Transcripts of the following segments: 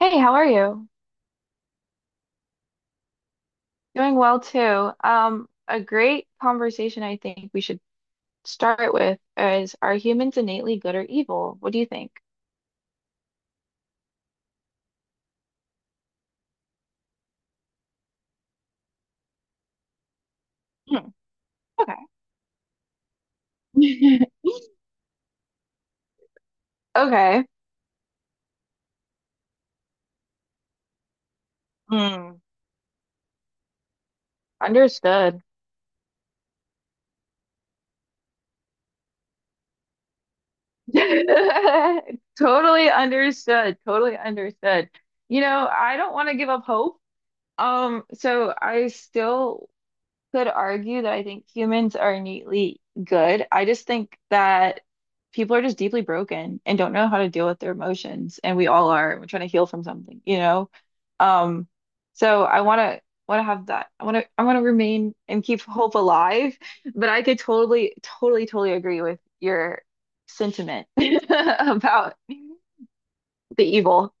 Hey, how are you? Doing well too. A great conversation I think we should start with is, are humans innately good or evil? What do you think? Hmm, okay. Okay. Hmm. Understood. Totally understood. Totally understood. I don't want to give up hope. So I still could argue that I think humans are innately good. I just think that people are just deeply broken and don't know how to deal with their emotions, and we all are. We're trying to heal from something, you know? Um, so I wanna have that. I wanna remain and keep hope alive, but I could totally, totally, totally agree with your sentiment about the evil.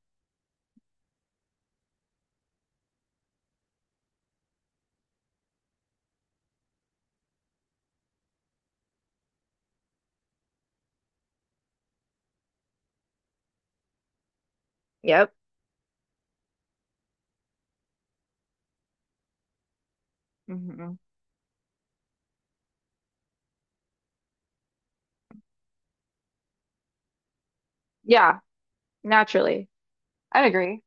Yep. Hmm. Yeah, naturally. I'd agree.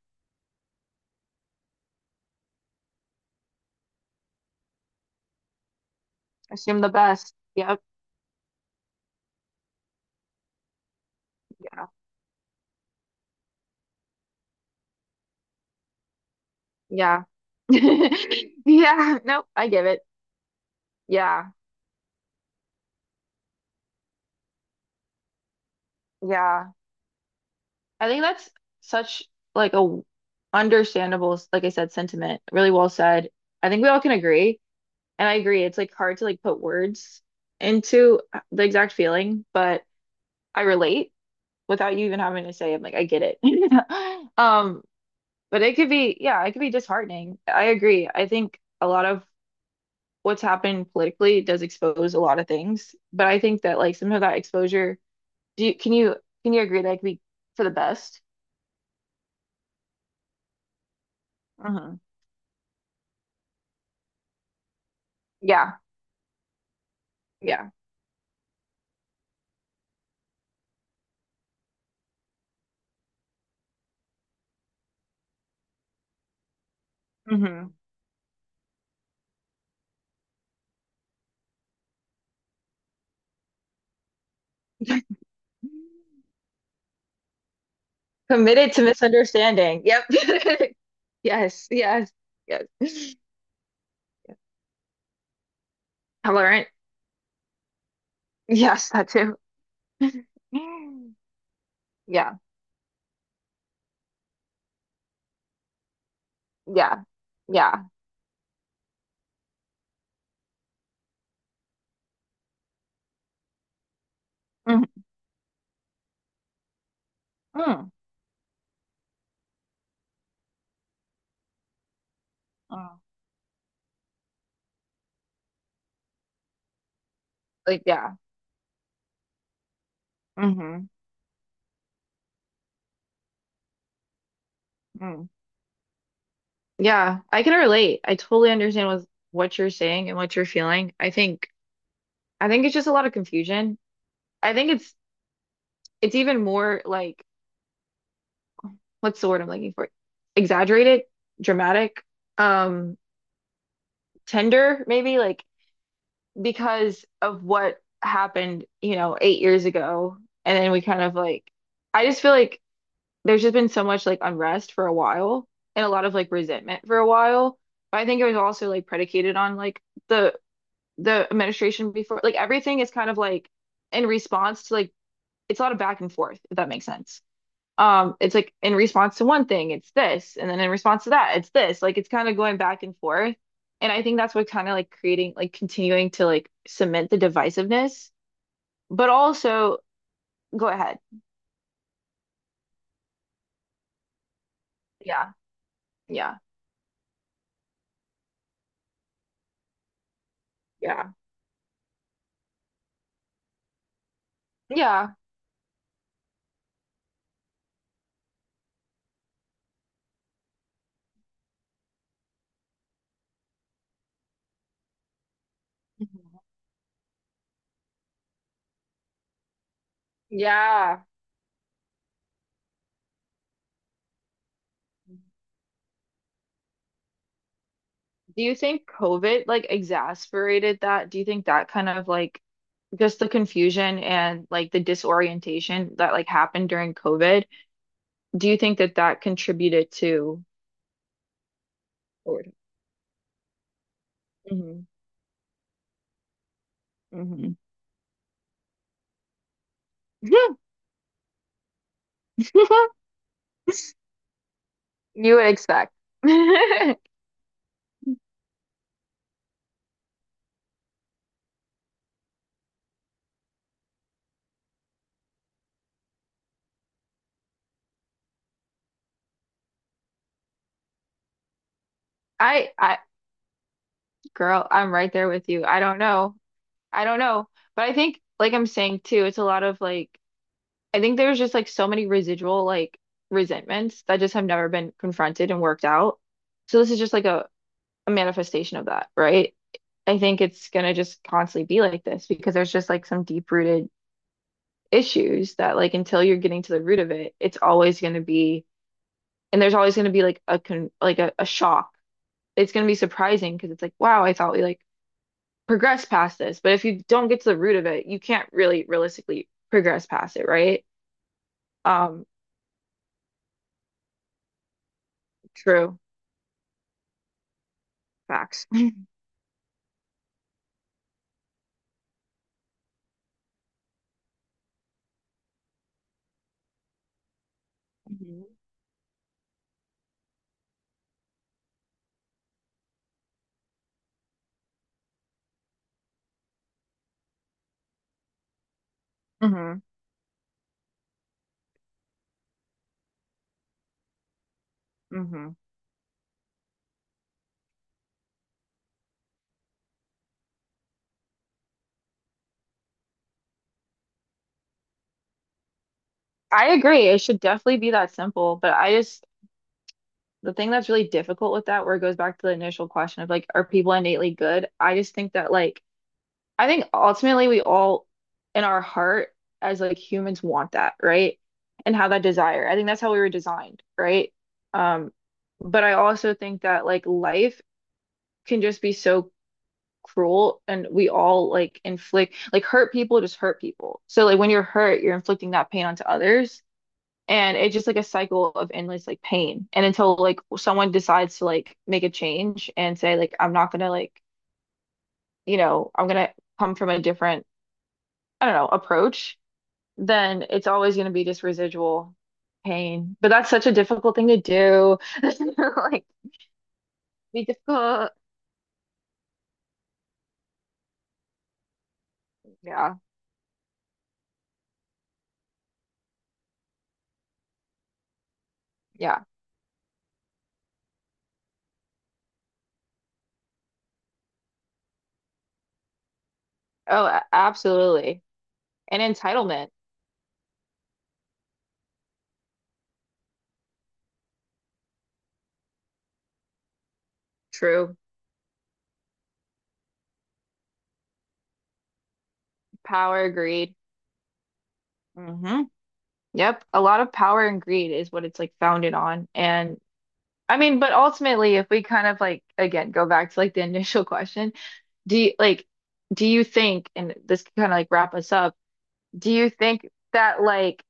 Assume the best. Yep. Yeah. Yeah. Yeah. Nope. I give it. Yeah. Yeah. I think that's such like a understandable, like I said, sentiment. Really well said. I think we all can agree. And I agree. It's like hard to like put words into the exact feeling, but I relate without you even having to say it. Like, I get it. Um, but it could be, yeah, it could be disheartening. I agree. I think a lot of what's happened politically does expose a lot of things, but I think that like some of that exposure. Do you, can you can you agree that it could be for the best? Uh-huh. Yeah, yeah. Hmm. Committed to misunderstanding. Yep. Yes, yes, yes. Yeah. Tolerant. Yes, that too. Mm-hmm. Yeah, yeah, yeah. Mm-hmm. Mm-hmm. Like, yeah. Mm-hmm. Mm. Yeah. I can relate. I totally understand with what you're saying and what you're feeling. I think it's just a lot of confusion. I think it's even more, like, what's the word I'm looking for? Exaggerated, dramatic, um, tender, maybe like because of what happened, 8 years ago. And then we kind of like, I just feel like there's just been so much like unrest for a while, and a lot of like resentment for a while. But I think it was also like predicated on like the the administration before, like everything is kind of like in response to like, it's a lot of back and forth, if that makes sense. It's like in response to one thing it's this, and then in response to that it's this, like it's kind of going back and forth. And I think that's what kind of like creating like continuing to like cement the divisiveness, but also, go ahead. Yeah, yeah, yeah, yeah. Mhm. Yeah. Do you think COVID like exacerbated that? Do you think that kind of like just the confusion and like the disorientation that like happened during COVID, do you think that that contributed to. Forward. Hmm. You would expect. I I girl, I'm right there with you. I don't know. I don't know. But I think, like I'm saying too, it's a lot of like, I think there's just like so many residual like resentments that just have never been confronted and worked out. So this is just like a manifestation of that, right? I think it's gonna just constantly be like this because there's just like some deep-rooted issues that, like, until you're getting to the root of it, it's always gonna be, and there's always gonna be like a con like a shock. It's going to be surprising because it's like, wow, I thought we like progressed past this. But if you don't get to the root of it, you can't really realistically progress past it, right? Um, True. Facts. Mhm. Mm-hmm. Mm-hmm. I agree. It should definitely be that simple. But I just, the thing that's really difficult with that, where it goes back to the initial question of, like, are people innately good? I just think that, like, I think ultimately we all, in our heart, as like humans, want that, right? And have that desire. I think that's how we were designed, right? Um, but I also think that like life can just be so cruel, and we all like inflict like, hurt people just hurt people. So like when you're hurt, you're inflicting that pain onto others. And it's just like a cycle of endless like pain. And until like someone decides to like make a change and say like, I'm not gonna like, I'm gonna come from a different, I don't know, approach, then it's always going to be just residual pain. But that's such a difficult thing to do. Like, be difficult. Yeah. Yeah. Oh, absolutely. And entitlement. True. Power, greed. Hmm. Yep. A lot of power and greed is what it's like founded on. And I mean, but ultimately, if we kind of like, again, go back to like the initial question, do you like, do you think, and this can kind of like wrap us up, do you think that like,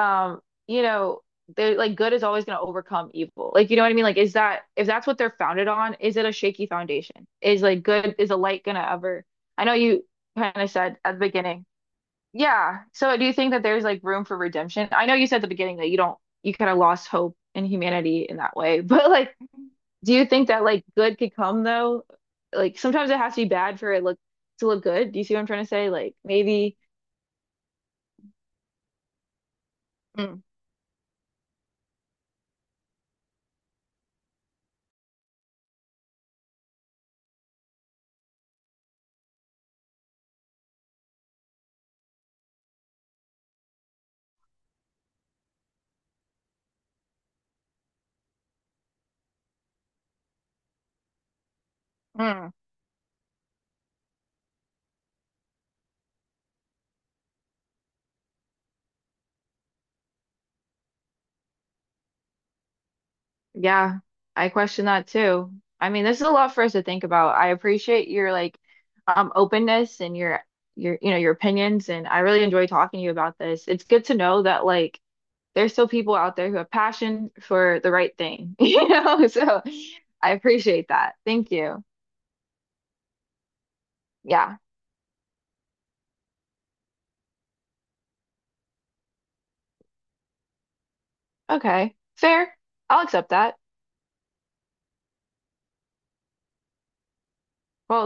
um, you know, they're like, good is always going to overcome evil. Like, you know what I mean? Like, is that, if that's what they're founded on, is it a shaky foundation? Is like good, is a light going to ever? I know you kind of said at the beginning. Yeah. So do you think that there's like room for redemption? I know you said at the beginning that you don't, you kind of lost hope in humanity in that way, but like, do you think that like good could come though? Like sometimes it has to be bad for it look to look good. Do you see what I'm trying to say? Like maybe. Mm, mm. Yeah, I question that too. I mean, this is a lot for us to think about. I appreciate your like openness, and your opinions, and I really enjoy talking to you about this. It's good to know that like there's still people out there who have passion for the right thing, you know? So I appreciate that. Thank you. Yeah. Okay. Fair. I'll accept that. Well,